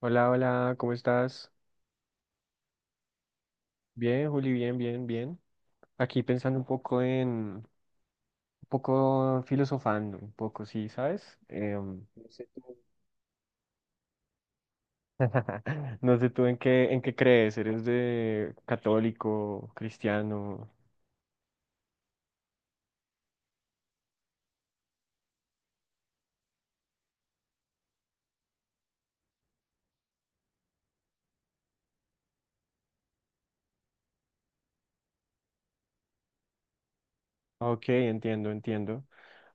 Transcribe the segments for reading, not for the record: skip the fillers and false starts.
Hola, hola, ¿cómo estás? Bien, Juli, bien, bien, bien. Aquí pensando un poco un poco filosofando, un poco, sí, ¿sabes? No sé tú. No sé tú en qué, crees. ¿Eres de católico, cristiano? Ok, entiendo, entiendo.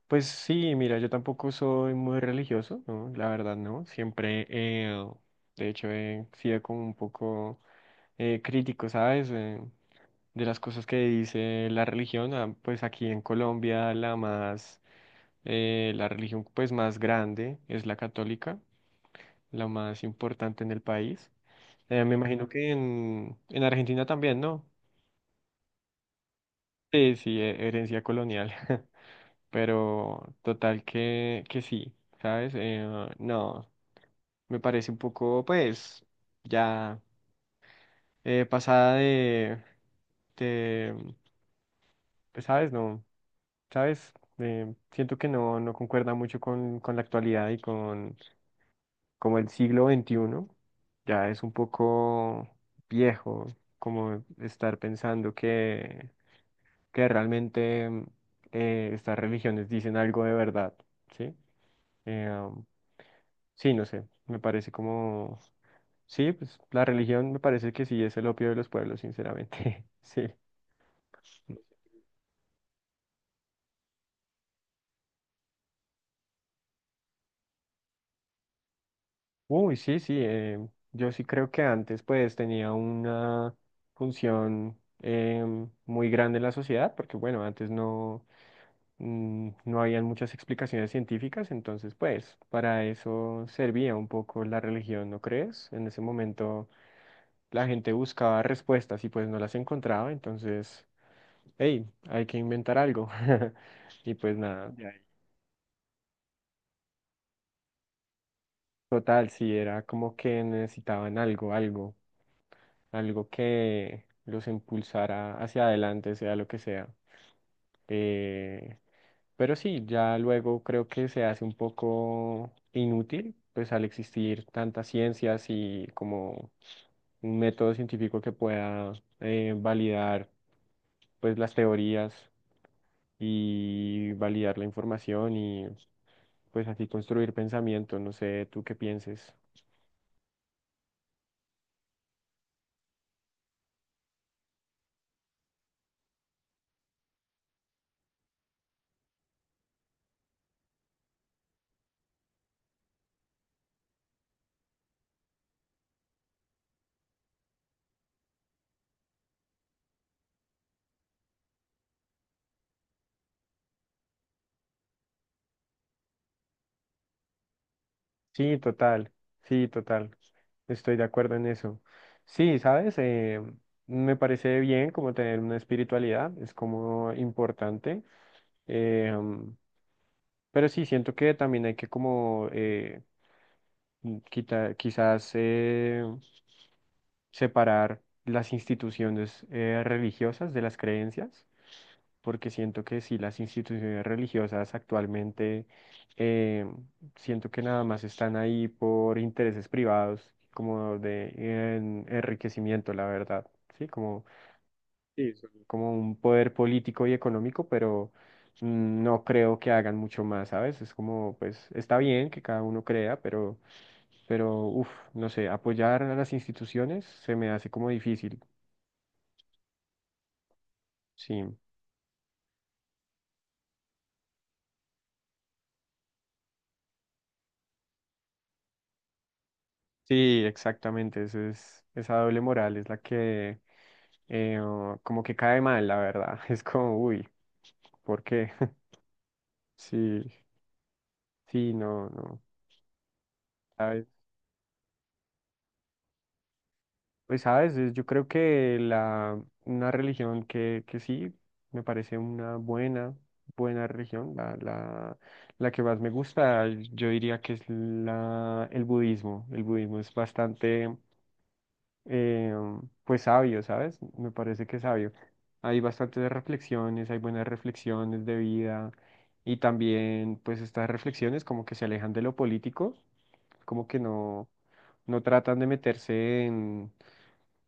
Pues sí, mira, yo tampoco soy muy religioso, ¿no? La verdad, no. Siempre, de hecho, he sido como un poco crítico, ¿sabes? De las cosas que dice la religión, ah, pues aquí en Colombia la religión pues más grande es la católica, la más importante en el país. Me imagino que en Argentina también, ¿no? Sí, sí, herencia colonial. Pero total que sí, ¿sabes? No, me parece un poco, pues, ya pasada de, de, pues, ¿sabes? No. ¿Sabes? Siento que no concuerda mucho con, la actualidad y con como el siglo XXI. Ya es un poco viejo como estar pensando que realmente estas religiones dicen algo de verdad, ¿sí? Eh, um, sí, no sé, me parece como. Sí, pues la religión me parece que sí es el opio de los pueblos, sinceramente. Sí. Uy, sí, sí, yo sí creo que antes pues tenía una función muy grande en la sociedad, porque bueno, antes no, no habían muchas explicaciones científicas, entonces pues para eso servía un poco la religión, ¿no crees? En ese momento la gente buscaba respuestas y pues no las encontraba, entonces, hey, hay que inventar algo. Y pues nada, ya, total, sí, era como que necesitaban algo, algo, algo que los impulsara hacia adelante, sea lo que sea. Eh, pero sí, ya luego creo que se hace un poco inútil, pues al existir tantas ciencias y como un método científico que pueda validar pues las teorías y validar la información y pues así construir pensamiento, no sé, tú qué pienses. Sí, total, sí, total. Estoy de acuerdo en eso. Sí, sabes, me parece bien como tener una espiritualidad, es como importante, eh, um, pero sí, siento que también hay que como quizás separar las instituciones religiosas de las creencias, porque siento que sí, las instituciones religiosas actualmente, eh, siento que nada más están ahí por intereses privados, como de enriquecimiento, la verdad, ¿sí? Como, sí, como un poder político y económico, pero no creo que hagan mucho más, ¿sabes? Es como, pues, está bien que cada uno crea, pero, uff, no sé, apoyar a las instituciones se me hace como difícil, sí. Sí, exactamente, esa doble moral es la que o como que cae mal, la verdad. Es como, uy, ¿por qué? Sí, sí, no, no. ¿Sabes? Pues sabes, yo creo que una religión que sí me parece una buena, buena religión, la que más me gusta, yo diría que es el budismo. El budismo es bastante eh, pues sabio, ¿sabes? Me parece que es sabio. Hay bastantes reflexiones, hay buenas reflexiones de vida, y también pues estas reflexiones como que se alejan de lo político, como que no, no tratan de meterse en,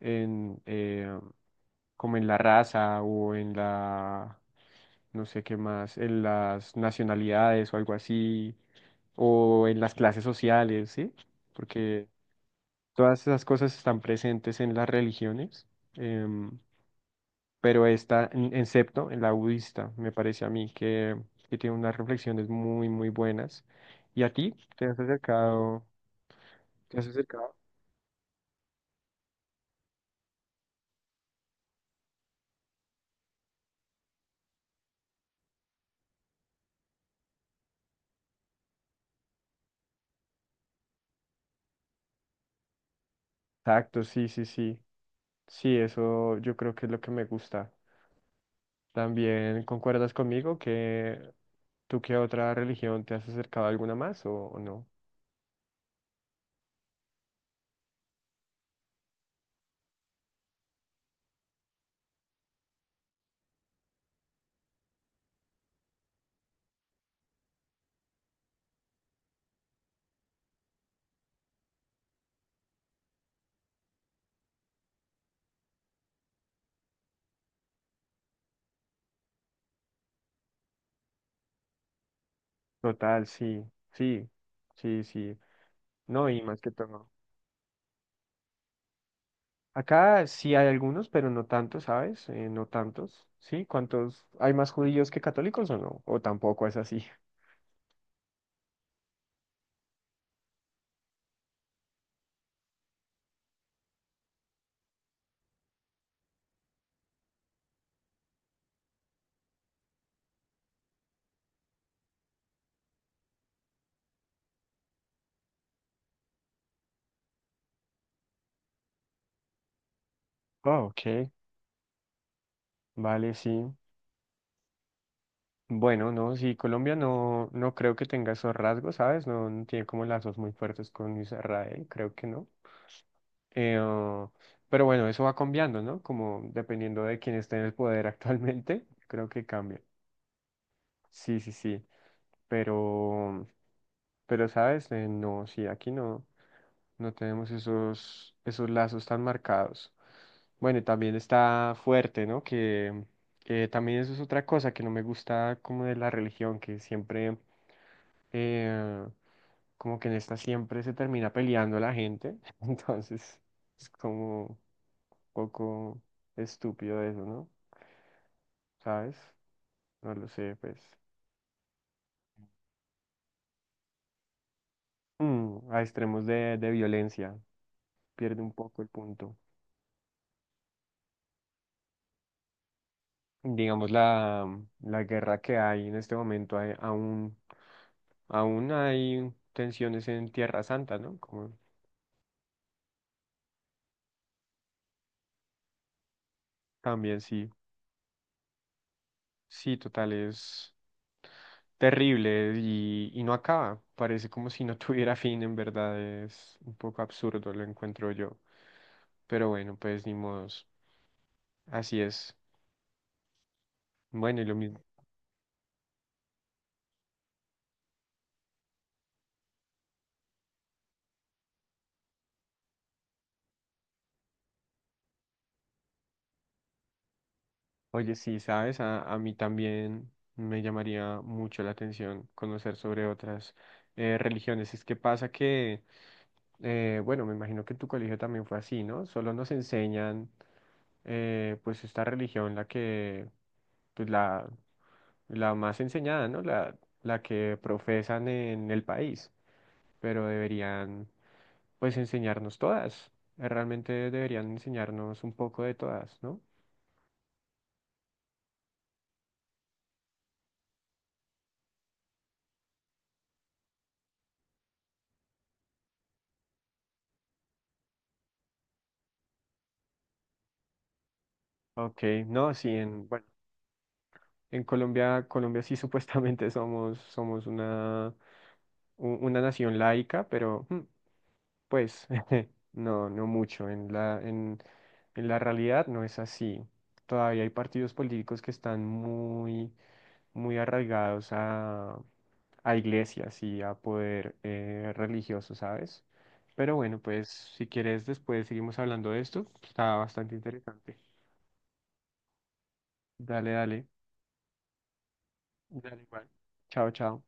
en eh, como en la raza o no sé qué más, en las nacionalidades o algo así, o en las clases sociales, ¿sí? Porque todas esas cosas están presentes en las religiones, em, pero excepto en la budista, me parece a mí que, tiene unas reflexiones muy, muy buenas. ¿Y a ti? ¿Te has acercado? ¿Te has acercado? Exacto, sí, sí, sí. Sí, eso yo creo que es lo que me gusta. ¿También concuerdas conmigo que tú qué otra religión te has acercado a alguna más o no? Total, sí, sí, sí, sí. No, y más que todo. Acá sí hay algunos, pero no tantos, ¿sabes? No tantos. ¿Sí? ¿Cuántos? ¿Hay más judíos que católicos o no? O tampoco es así. Ah, ok. Vale, sí. Bueno, no, sí, Colombia no, no creo que tenga esos rasgos, ¿sabes? No, no tiene como lazos muy fuertes con Israel, creo que no. Eh, ah, pero bueno, eso va cambiando, ¿no? Como dependiendo de quién esté en el poder actualmente, creo que cambia. Sí, sí, sí. Pero, pero, ¿sabes? No, sí, aquí no. No tenemos esos lazos tan marcados. Bueno, y también está fuerte, ¿no? Que también eso es otra cosa que no me gusta como de la religión, que siempre, eh, como que en esta siempre se termina peleando la gente. Entonces, es como un poco estúpido eso, ¿no? ¿Sabes? No lo sé, pues. A extremos de violencia, pierde un poco el punto. Digamos, la guerra que hay en este momento, hay aún aún hay tensiones en Tierra Santa, ¿no? Como también sí. Sí, total, es terrible y no acaba. Parece como si no tuviera fin, en verdad es un poco absurdo, lo encuentro yo. Pero bueno, pues ni modos. Así es. Bueno, y lo mismo. Oye, sí, sabes, a mí también me llamaría mucho la atención conocer sobre otras religiones. Es que pasa que, bueno, me imagino que en tu colegio también fue así, ¿no? Solo nos enseñan pues esta religión, pues la más enseñada, ¿no? La que profesan en el país, pero deberían, pues, enseñarnos todas. Realmente deberían enseñarnos un poco de todas, ¿no? Ok, no, sí, bueno, en Colombia, sí supuestamente somos, una, una nación laica, pero, pues no, no mucho. En la realidad no es así. Todavía hay partidos políticos que están muy, muy arraigados a iglesias y a poder religioso, ¿sabes? Pero bueno, pues si quieres después seguimos hablando de esto. Está bastante interesante. Dale, dale. Dale igual. Chao, chao.